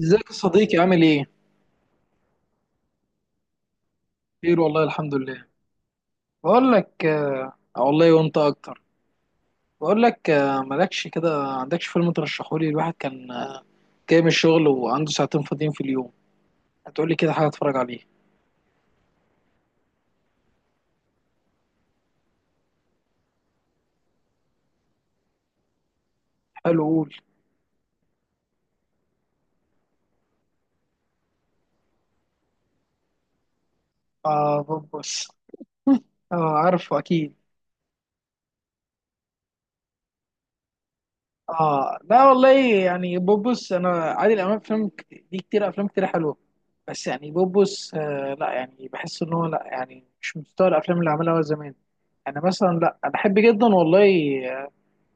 ازيك يا صديقي؟ عامل ايه؟ خير والله، الحمد لله. بقول لك، والله وانت اكتر. بقول لك، مالكش كده عندكش فيلم ترشحه لي؟ الواحد كان، جاي من الشغل وعنده ساعتين فاضيين في اليوم، هتقول لي كده حاجه اتفرج عليه. حلو، قول. اه، بوبس. اه، عارفه اكيد. اه لا والله. يعني بوبس، انا عادل امام فيلم ليه كتير، افلام كتير حلوه، بس يعني بوبس، لا، يعني بحس ان هو، لا يعني مش مستوى الافلام اللي عملها هو زمان. انا مثلا لا، انا بحب جدا والله.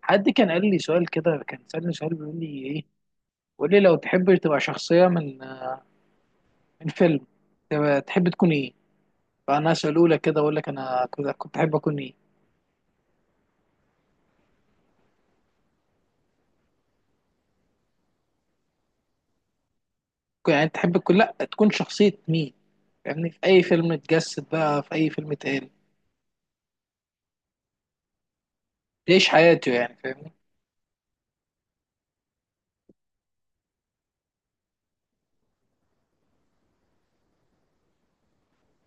حد كان قال لي سؤال كده، كان سألني سؤال بيقول لي ايه، قول لي لو تحب تبقى شخصية من فيلم، تبقى تحب تكون ايه؟ فانا اساله لك كده، اقول لك انا كنت احب اكون ايه؟ يعني تحب تكون، لا تكون شخصية مين، فاهمني؟ في اي فيلم اتجسد بقى، في اي فيلم اتقال، تعيش حياته يعني، فاهمني.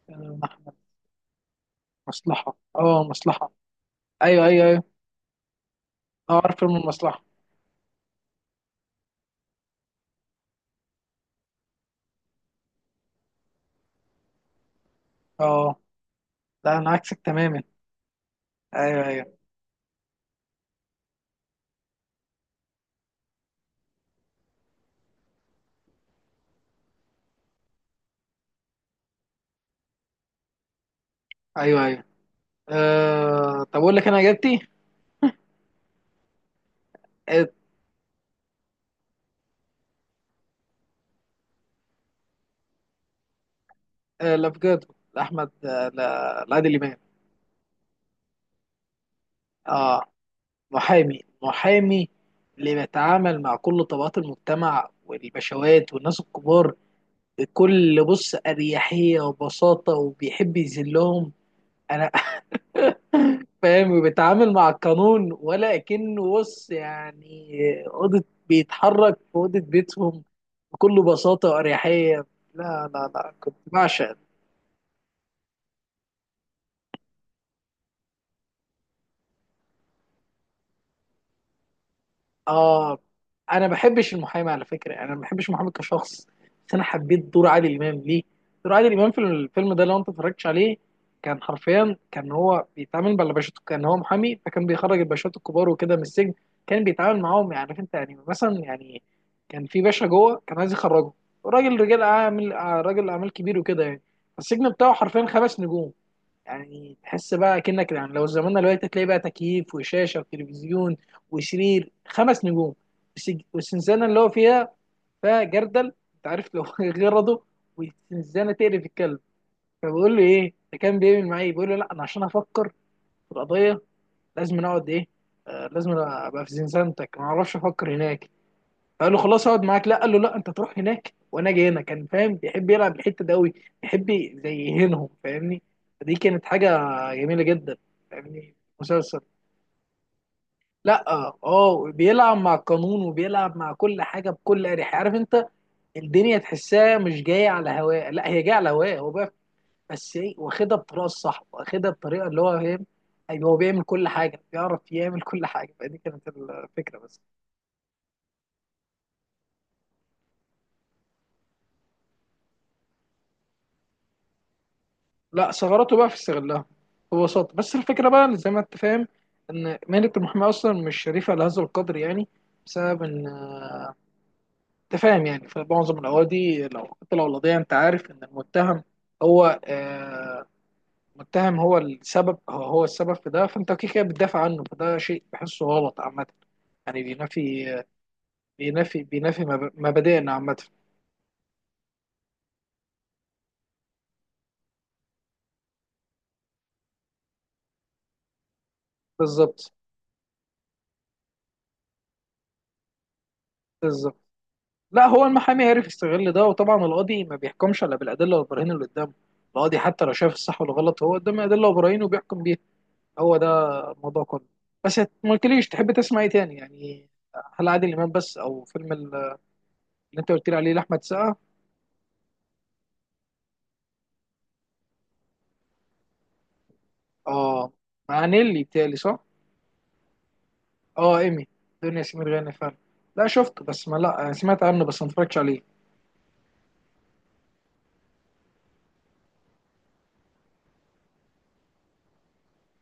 آه، أحمد، مصلحة، اه، مصلحة. ايوه ايوه ايوه. اه، عارف فيلم المصلحة. اه لا انا عكسك تماما. ايوه ايوه ايوه ايوه. آه، طب اقول لك انا اجابتي. آه، لا بجد. احمد آه، لا، لعادل امام. اه، محامي محامي، اللي بيتعامل مع كل طبقات المجتمع والبشوات والناس الكبار، بكل بص اريحيه وبساطه، وبيحب يذلهم. انا فاهم، وبيتعامل مع القانون ولا كأنه، بص يعني، اوضه، بيتحرك في اوضه بيتهم بكل بساطه واريحيه. لا لا لا، كنت بعشق. اه، انا ما بحبش المحامي على فكره، يعني انا ما بحبش المحامي كشخص، بس انا حبيت دور عادل امام ليه. دور عادل امام في الفيلم ده، لو انت اتفرجتش عليه، كان حرفيا كان هو بيتعامل مع الباشات، كان هو محامي، فكان بيخرج الباشات الكبار وكده من السجن. كان بيتعامل معاهم، يعني عارف انت يعني، مثلا يعني، كان في باشا جوه كان عايز يخرجه، راجل رجال اعمال، راجل اعمال كبير وكده يعني. السجن بتاعه حرفيا 5 نجوم. يعني تحس بقى كأنك، يعني لو زماننا دلوقتي، تلاقي بقى تكييف وشاشة وتلفزيون وسرير 5 نجوم. والسنزانة اللي هو فيها، فيها جردل، انت عارف لو غرضه. والسنزانة تقرف الكلب. فبقول له ايه ده؟ كان بيعمل معايا إيه؟ بيقول له لا انا عشان افكر في القضية لازم أنا اقعد ايه، آه لازم أنا ابقى في زنزانتك، ما اعرفش افكر هناك. قال له خلاص اقعد معاك. لا، قال له لا، انت تروح هناك وانا جاي هنا. كان فاهم، بيحب يلعب الحته ده قوي، بيحب زي يهينهم، فاهمني. فدي كانت حاجه جميله جدا، فاهمني، مسلسل. لا، اه، بيلعب مع القانون وبيلعب مع كل حاجه بكل اريحيه، عارف انت. الدنيا تحسها مش جايه على هواه، لا هي جايه على هواه هو بقى، بس ايه، واخدها بطريقه الصح، واخدها بطريقه اللي هو فاهم. ايوه، هو بيعمل كل حاجه، بيعرف يعمل كل حاجه. فدي كانت الفكره بس. لا، ثغراته بقى في استغلها ببساطة. بس الفكرة بقى، اللي زي ما انت فاهم، ان مهنة المحاماة اصلا مش شريفة لهذا القدر يعني، بسبب ان، انت فاهم يعني، في معظم الاوادي لو حتى لو القضية، انت عارف ان المتهم هو، المتهم هو السبب، هو السبب في ده، فانت كده كده بتدافع عنه، فده شيء بحسه غلط عامة. يعني بينافي، بينافي مبادئنا عامة. بالظبط. بالظبط. لا هو المحامي عرف يستغل ده، وطبعا القاضي ما بيحكمش الا بالادله والبراهين اللي قدامه. القاضي حتى لو شايف الصح ولا غلط، هو قدامه ادله وبراهين، وبيحكم بيها. هو ده الموضوع كله. بس ما قلتليش تحب تسمع ايه تاني يعني؟ هل عادل امام بس او فيلم اللي انت قلت لي عليه لاحمد السقا؟ اه، مع نيلي بتالي صح؟ اه، ايمي. دنيا سمير غانم فعلا. لا شفته بس ما، لا يعني سمعت عنه بس ما اتفرجتش عليه.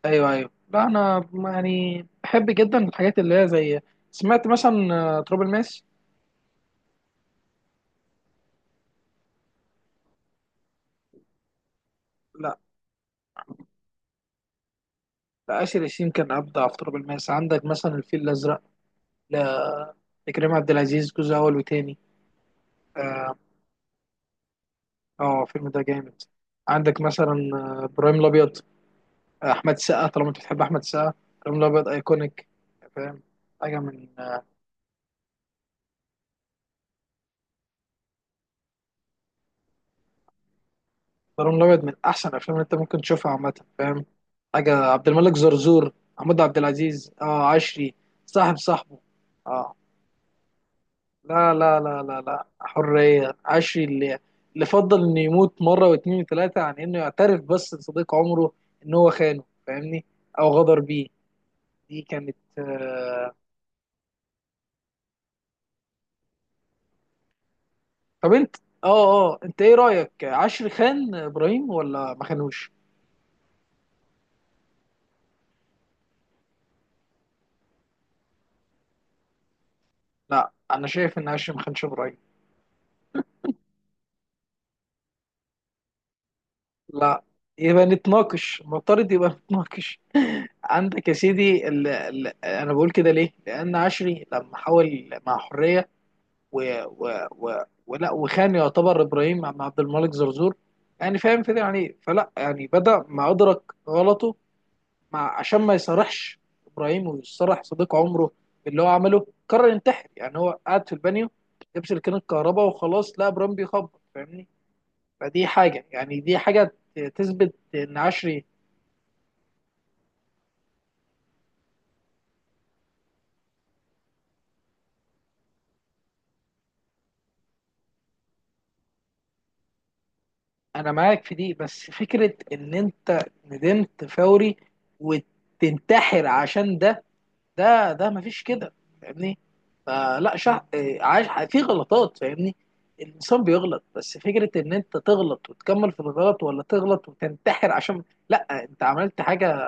ايوه ايوه، لا انا يعني بحب جدا الحاجات اللي هي زي، سمعت مثلا، تراب الماس. لا، آسر ياسين كان أبدع في تراب الماس. عندك مثلا الفيل الأزرق، لا- لكريم عبد العزيز، جزء أول وتاني. آه، الفيلم ده جامد. عندك مثلا، إبراهيم الأبيض. أحمد السقا، طالما أنت بتحب أحمد السقا، إبراهيم الأبيض أيكونيك، فاهم. حاجة من آه، إبراهيم الأبيض من أحسن الأفلام اللي أنت ممكن تشوفها عامة، فاهم. حاجة عبد الملك زرزور، محمود عبد العزيز، آه عشري، صاحب صاحبه. آه. لا لا لا لا لا، حرية، عشري اللي اللي فضل انه يموت مرة واتنين وتلاتة عن انه يعترف بس لصديق عمره ان هو خانه، فاهمني، او غدر بيه. دي كانت، طب انت، اه اه انت ايه رأيك؟ عشري خان ابراهيم ولا ما خانوش؟ لا انا شايف ان عشري ما خانش ابراهيم. لا، يبقى نتناقش، المفترض يبقى نتناقش. عندك يا سيدي، انا بقول كده ليه، لان عشري لما حاول مع حرية و و و ولا وخان، يعتبر ابراهيم مع عبد الملك زرزور، يعني فاهم كده يعني إيه؟ فلا يعني، بدأ ما أدرك غلطه، مع عشان ما يصرحش ابراهيم ويصرح صديق عمره اللي هو عمله، قرر ينتحر. يعني هو قاعد في البانيو، لبس كان الكهرباء وخلاص، لا ابراهيم بيخبط، فاهمني. فدي حاجه يعني، دي حاجه تثبت ان عشري، انا معاك في دي بس. فكره ان انت ندمت فوري وتنتحر عشان ده، ده مفيش كده، فاهمني. فلا شع... آه، عايش في غلطات، فاهمني. الانسان بيغلط، بس فكره ان انت تغلط وتكمل في الغلط، ولا تغلط وتنتحر عشان، لا انت عملت حاجه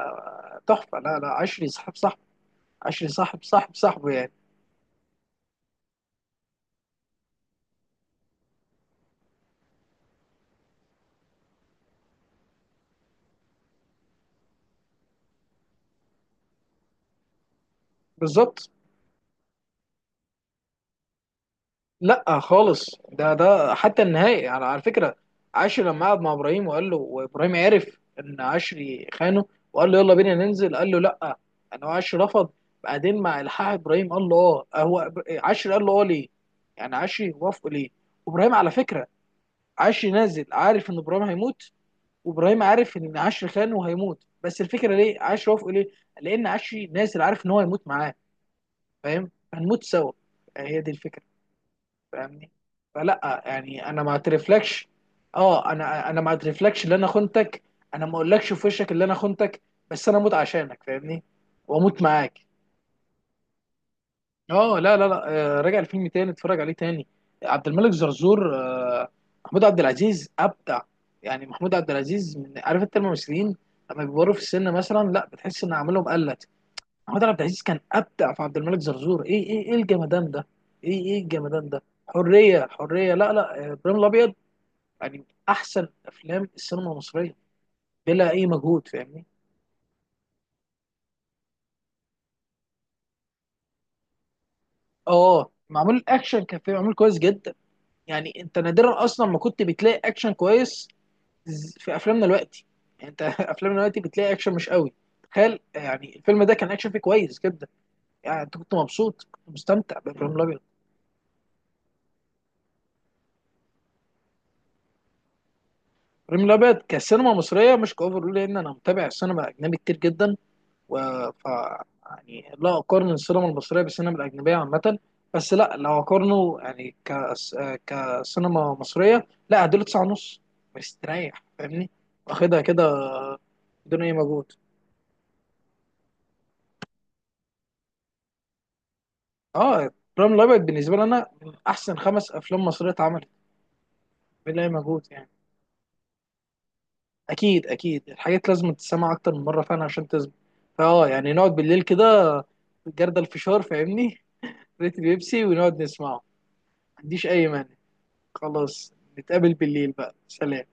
تحفه. لا لا، عشري صاحب صاحب، عشري صاحب صاحب صاحبه يعني. بالظبط. لا خالص، ده ده حتى النهائي، على فكره، عشري لما قعد مع ابراهيم وقال له، وابراهيم عرف ان عشري خانه، وقال له يلا بينا ننزل، قال له لا، انا عشري رفض. بعدين مع الحاح ابراهيم قال له اه. هو عشري قال له اه ليه؟ يعني عشري وافقه ليه؟ وابراهيم على فكره، عشري نازل عارف ان ابراهيم هيموت، وابراهيم عارف ان عشري خانه وهيموت، بس الفكره ليه عشري وافقه ليه؟ لان عشري نازل عارف ان هو هيموت معاه، فاهم، هنموت سوا. هي دي الفكره، فاهمني. فلا يعني، انا ما اعترفلكش. اه، انا ما اعترفلكش اللي انا خنتك، انا ما اقولكش في وشك اللي انا خنتك، بس انا اموت عشانك، فاهمني، واموت معاك. اه لا لا لا، راجع الفيلم تاني، اتفرج عليه تاني. عبد الملك زرزور، محمود عبد العزيز ابدع. يعني محمود عبد العزيز، من عارف انت الممثلين لما بيكبروا في السن، مثلا لا بتحس ان اعمالهم قلت. محمود عبد العزيز كان ابدع في عبد الملك زرزور. ايه ايه ايه الجمدان ده؟ ايه ايه الجمدان ده؟ حريه، حريه، لا لا، ابراهيم الابيض. يعني من احسن افلام السينما المصريه، بلا اي مجهود، فاهمني. اه، معمول، الاكشن كان فيه معمول كويس جدا. يعني انت نادرا اصلا ما كنت بتلاقي اكشن كويس، في افلامنا دلوقتي. يعني انت افلامنا دلوقتي بتلاقي اكشن مش قوي. تخيل يعني، الفيلم ده كان اكشن فيه كويس جدا. يعني انت كنت مبسوط، كنت مستمتع بابراهيم الابيض. ريم الابيض كسينما مصريه مش كاوفر، لان انا متابع السينما الاجنبي كتير جدا، و ف يعني لا اقارن السينما المصريه بالسينما الاجنبيه عامه، بس لا، لو اقارنه، يعني كسينما مصريه، لا اديله 9.5، مستريح، فاهمني، واخدها كده بدون اي مجهود. اه، ريم الابيض بالنسبه لي انا من احسن 5 افلام مصريه اتعملت، بلا اي مجهود يعني. اكيد اكيد، الحاجات لازم تتسمع اكتر من مره فعلا عشان تثبت. يعني نقعد بالليل كده، جردل الفشار، فاهمني، ريت البيبسي، ونقعد نسمعه، ما عنديش اي مانع. خلاص. نتقابل بالليل بقى، سلام.